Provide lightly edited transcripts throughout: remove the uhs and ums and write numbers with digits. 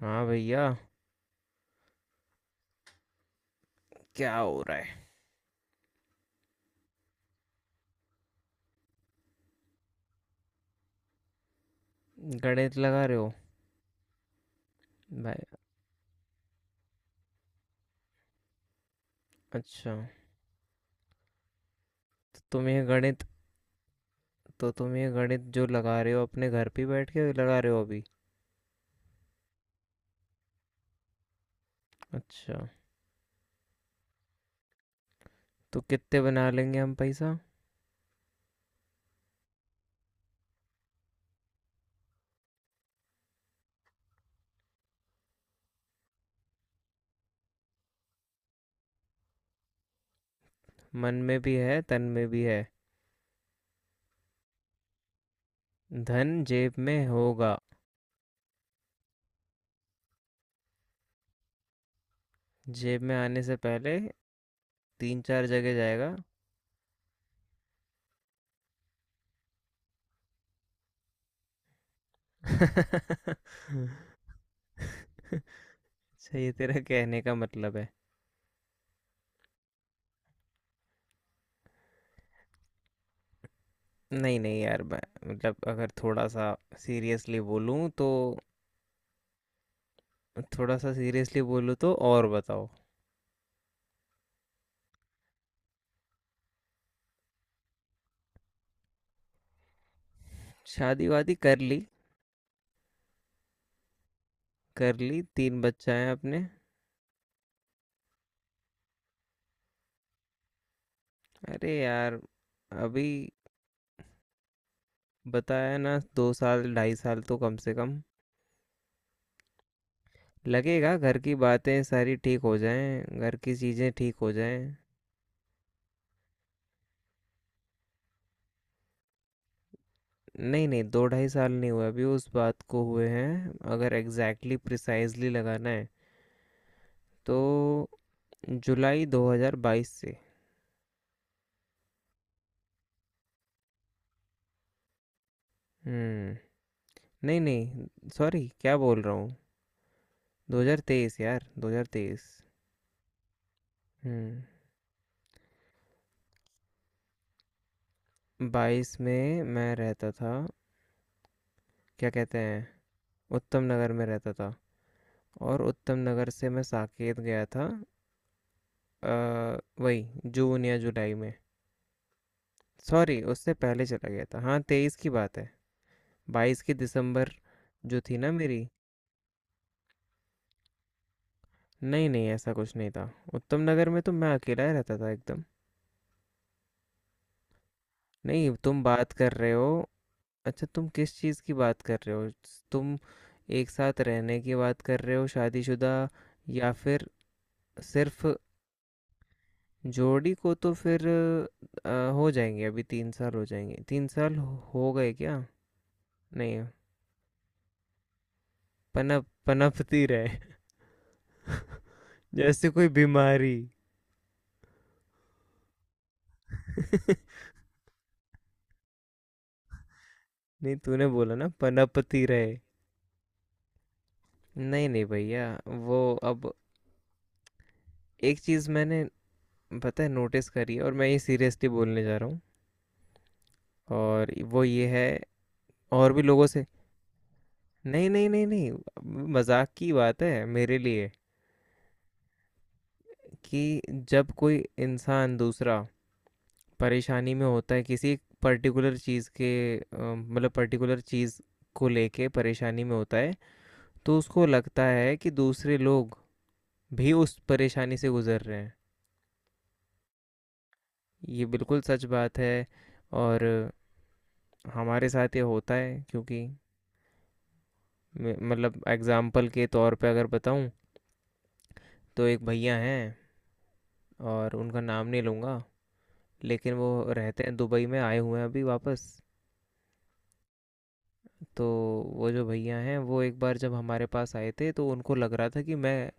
हाँ भैया। क्या हो रहा है। गणित लगा रहे हो। भाई। अच्छा। तो तुम ये गणित तो तुम ये गणित जो लगा रहे हो अपने घर पे बैठ के लगा रहे हो अभी। अच्छा। तो कितने बना लेंगे हम पैसा। मन में भी है तन में भी है। धन जेब में होगा। जेब में आने से पहले तीन चार जगह जाएगा। सही तेरा कहने का मतलब है। नहीं नहीं यार मैं मतलब अगर थोड़ा सा सीरियसली बोलूँ तो थोड़ा सा सीरियसली बोलूँ तो और बताओ। शादी वादी कर ली। कर ली तीन बच्चा है अपने। अरे यार अभी बताया ना 2 साल ढाई साल तो कम से कम लगेगा, घर की बातें सारी ठीक हो जाएं, घर की चीज़ें ठीक हो जाएं। नहीं नहीं दो ढाई साल नहीं हुए अभी उस बात को हुए हैं, अगर एग्जैक्टली प्रिसाइजली लगाना है तो जुलाई 2022 से। हम्म। नहीं नहीं सॉरी क्या बोल रहा हूँ, 2023 यार 2023। हम्म। बाईस में मैं रहता था। क्या कहते हैं, उत्तम नगर में रहता था। और उत्तम नगर से मैं साकेत गया था। अ, वही जून या जुलाई में। सॉरी उससे पहले चला गया था, हाँ तेईस की बात है। बाईस की दिसंबर जो थी ना मेरी। नहीं नहीं ऐसा कुछ नहीं था, उत्तम नगर में तो मैं अकेला ही रहता था एकदम। नहीं तुम बात कर रहे हो। अच्छा तुम किस चीज़ की बात कर रहे हो। तुम एक साथ रहने की बात कर रहे हो शादीशुदा या फिर सिर्फ जोड़ी को तो फिर हो जाएंगे अभी 3 साल हो जाएंगे, तीन साल हो गए क्या। नहीं पनपती रहे जैसे कोई बीमारी। नहीं तूने बोला ना पनपती रहे। नहीं नहीं भैया वो अब एक चीज़ मैंने पता है नोटिस करी है, और मैं ये सीरियसली बोलने जा रहा हूँ, और वो ये है और भी लोगों से। नहीं नहीं नहीं नहीं मजाक की बात है मेरे लिए। कि जब कोई इंसान दूसरा परेशानी में होता है किसी पर्टिकुलर चीज़ के, मतलब पर्टिकुलर चीज़ को लेके परेशानी में होता है, तो उसको लगता है कि दूसरे लोग भी उस परेशानी से गुजर रहे हैं। ये बिल्कुल सच बात है। और हमारे साथ ये होता है क्योंकि मतलब एग्जाम्पल के तौर पे अगर बताऊँ तो एक भैया हैं, और उनका नाम नहीं लूँगा, लेकिन वो रहते हैं दुबई में, आए हुए हैं अभी वापस। तो वो जो भैया हैं वो एक बार जब हमारे पास आए थे तो उनको लग रहा था कि मैं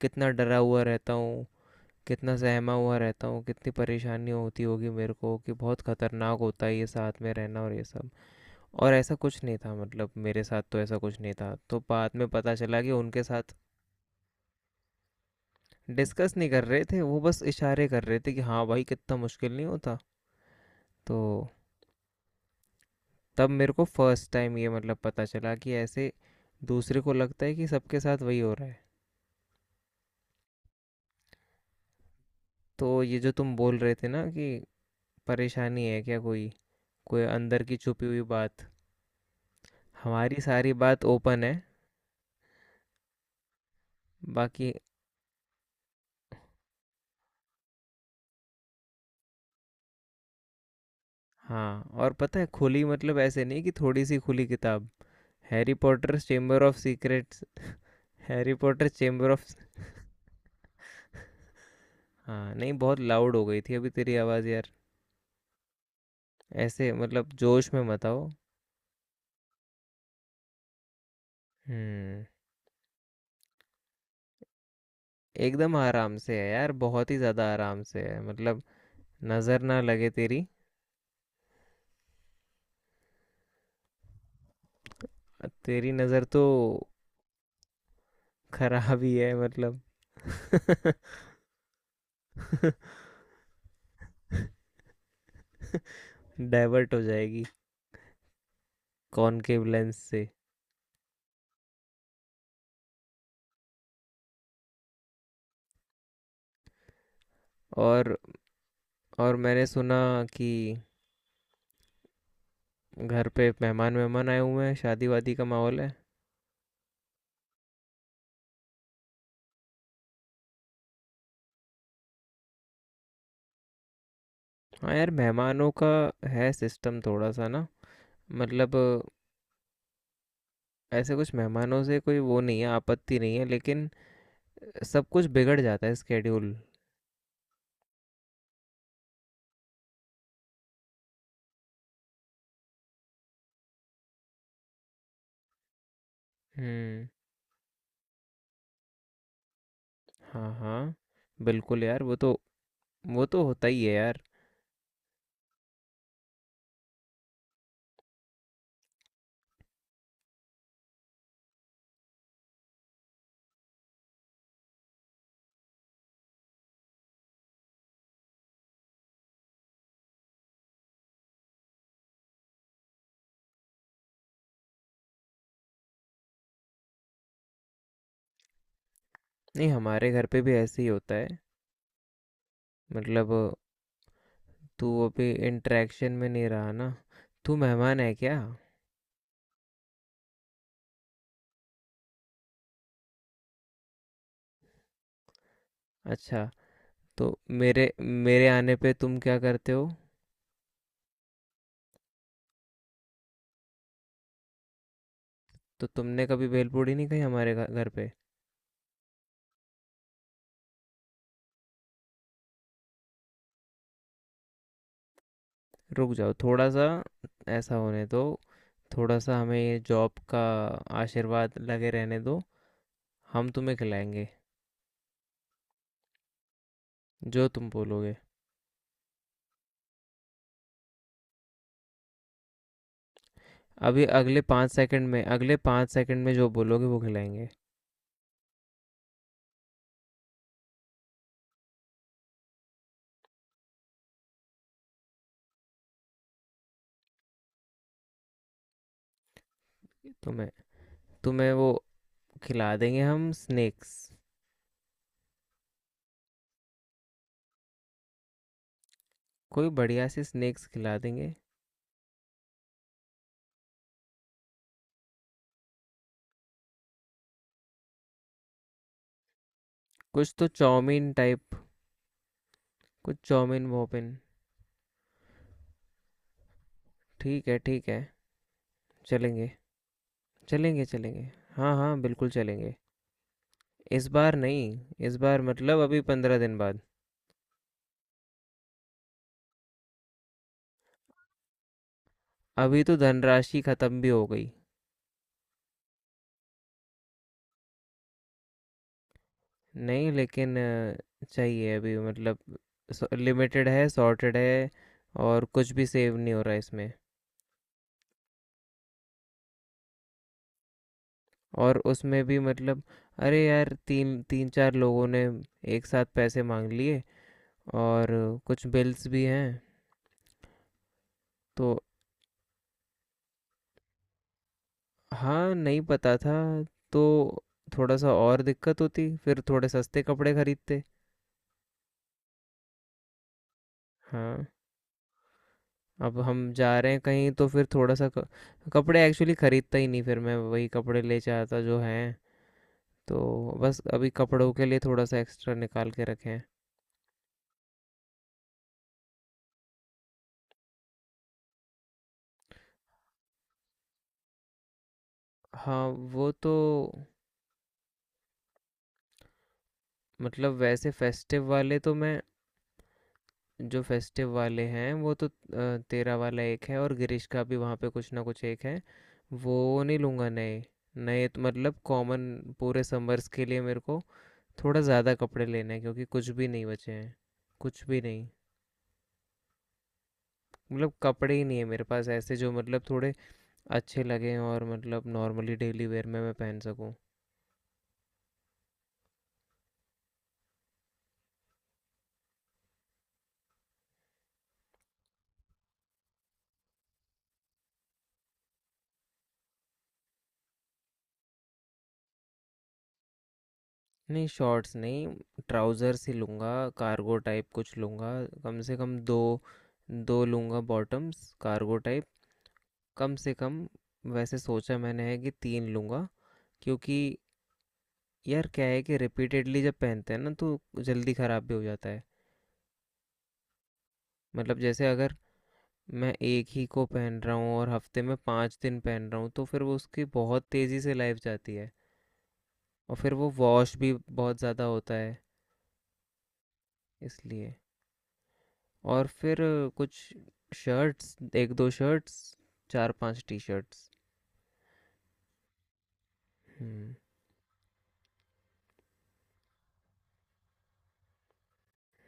कितना डरा हुआ रहता हूँ, कितना सहमा हुआ रहता हूँ, कितनी परेशानी होती होगी मेरे को, कि बहुत खतरनाक होता है ये साथ में रहना, और ये सब। और ऐसा कुछ नहीं था, मतलब मेरे साथ तो ऐसा कुछ नहीं था, तो बाद में पता चला कि उनके साथ डिस्कस नहीं कर रहे थे, वो बस इशारे कर रहे थे कि हाँ भाई कितना मुश्किल नहीं होता। तो तब मेरे को फर्स्ट टाइम ये मतलब पता चला कि ऐसे दूसरे को लगता है कि सबके साथ वही हो रहा है। तो ये जो तुम बोल रहे थे ना कि परेशानी है क्या कोई कोई अंदर की छुपी हुई बात, हमारी सारी बात ओपन है बाकी। हाँ। और पता है खुली मतलब ऐसे नहीं कि थोड़ी सी खुली किताब, Harry Potter Chamber of Secrets. Harry Potter Chamber of हाँ नहीं बहुत लाउड हो गई थी अभी तेरी आवाज़ यार। ऐसे मतलब जोश में मत आओ। हम्म। एकदम आराम से है यार, बहुत ही ज़्यादा आराम से है मतलब, नज़र ना लगे तेरी। तेरी नज़र तो खराब ही है मतलब, डाइवर्ट हो जाएगी कॉनकेव लेंस से। और और मैंने सुना कि घर पे मेहमान मेहमान आए हुए हैं, शादी वादी का माहौल है। हाँ यार मेहमानों का है सिस्टम थोड़ा सा ना मतलब, ऐसे कुछ मेहमानों से कोई वो नहीं है, आपत्ति नहीं है, लेकिन सब कुछ बिगड़ जाता है स्केड्यूल। हम्म। हाँ हाँ बिल्कुल यार, वो तो होता ही है यार। नहीं हमारे घर पे भी ऐसे ही होता है मतलब। तू अभी इंटरेक्शन में नहीं रहा ना। तू मेहमान है क्या। अच्छा। तो मेरे मेरे आने पे तुम क्या करते हो। तो तुमने कभी भेलपूरी नहीं खाई हमारे घर पे। रुक जाओ थोड़ा सा। ऐसा होने दो। थोड़ा सा हमें ये जॉब का आशीर्वाद लगे रहने दो। हम तुम्हें खिलाएंगे। जो तुम बोलोगे। अभी अगले 5 सेकंड में, अगले 5 सेकंड में जो बोलोगे वो खिलाएंगे। तुम्हें तुम्हें वो खिला देंगे हम स्नैक्स। कोई बढ़िया सी स्नैक्स खिला देंगे। कुछ तो चाउमीन टाइप, कुछ चाउमीन वोमिन। ठीक है ठीक है। चलेंगे। चलेंगे, चलेंगे। हाँ, हाँ, बिल्कुल चलेंगे। इस बार नहीं, इस बार मतलब अभी 15 दिन बाद। अभी तो धनराशि खत्म भी हो गई। नहीं लेकिन चाहिए अभी मतलब, स लिमिटेड है, सॉर्टेड है, और कुछ भी सेव नहीं हो रहा है इसमें। और उसमें भी मतलब, अरे यार! 3 3-4 लोगों ने एक साथ पैसे माँग लिए, और कुछ बिल्स भी हैं। तो हाँ, नहीं पता था। तो थोड़ा-सा और दिक्कत होती, फिर थोड़े सस्ते कपड़े खरीदते। हाँ, अब हम जा रहे हैं कहीं तो फिर थोड़ा-सा क कपड़े एक्चुअली खरीदता ही नहीं, फिर मैं वही कपड़े ले जाता जो हैं, तो बस अभी कपड़ों के लिए थोड़ा-सा एक्स्ट्रा निकाल के रखे हैं। हाँ, वो तो मतलब वैसे फेस्टिव वाले तो मैं जो फेस्टिव वाले हैं वो तो तेरा वाला एक है, और गिरीश का भी वहाँ पे कुछ ना कुछ एक है, वो नहीं लूँगा नए। नए तो मतलब कॉमन, पूरे समर्स के लिए मेरे को थोड़ा ज़्यादा कपड़े लेने हैं क्योंकि कुछ भी नहीं बचे हैं, कुछ भी नहीं। मतलब कपड़े ही नहीं है मेरे पास ऐसे जो मतलब थोड़े अच्छे लगें और मतलब नॉर्मली डेली वेयर में मैं पहन सकूं। नहीं शॉर्ट्स नहीं, ट्राउज़र्स ही लूँगा, कार्गो टाइप कुछ लूँगा कम से कम दो। दो लूँगा बॉटम्स कार्गो टाइप कम से कम। वैसे सोचा मैंने है कि तीन लूँगा क्योंकि यार क्या है कि रिपीटेडली जब पहनते हैं ना तो जल्दी ख़राब भी हो जाता है। मतलब जैसे अगर मैं एक ही को पहन रहा हूँ और हफ्ते में 5 दिन पहन रहा हूँ तो फिर वो उसकी बहुत तेज़ी से लाइफ जाती है। और फिर वो वॉश भी बहुत ज़्यादा होता है इसलिए। और फिर कुछ शर्ट्स, एक दो शर्ट्स, चार पांच टी शर्ट्स। हम्म।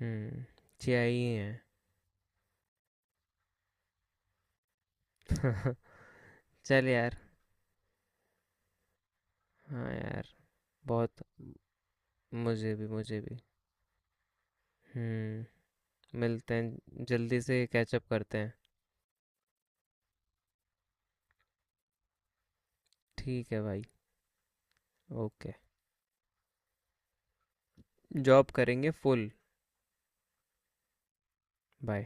हम्म चाहिए हैं। चल यार। हाँ यार। बहुत। मुझे भी मुझे भी। हम्म। मिलते हैं जल्दी से कैचअप करते हैं। ठीक है भाई। ओके। जॉब करेंगे फुल। बाय।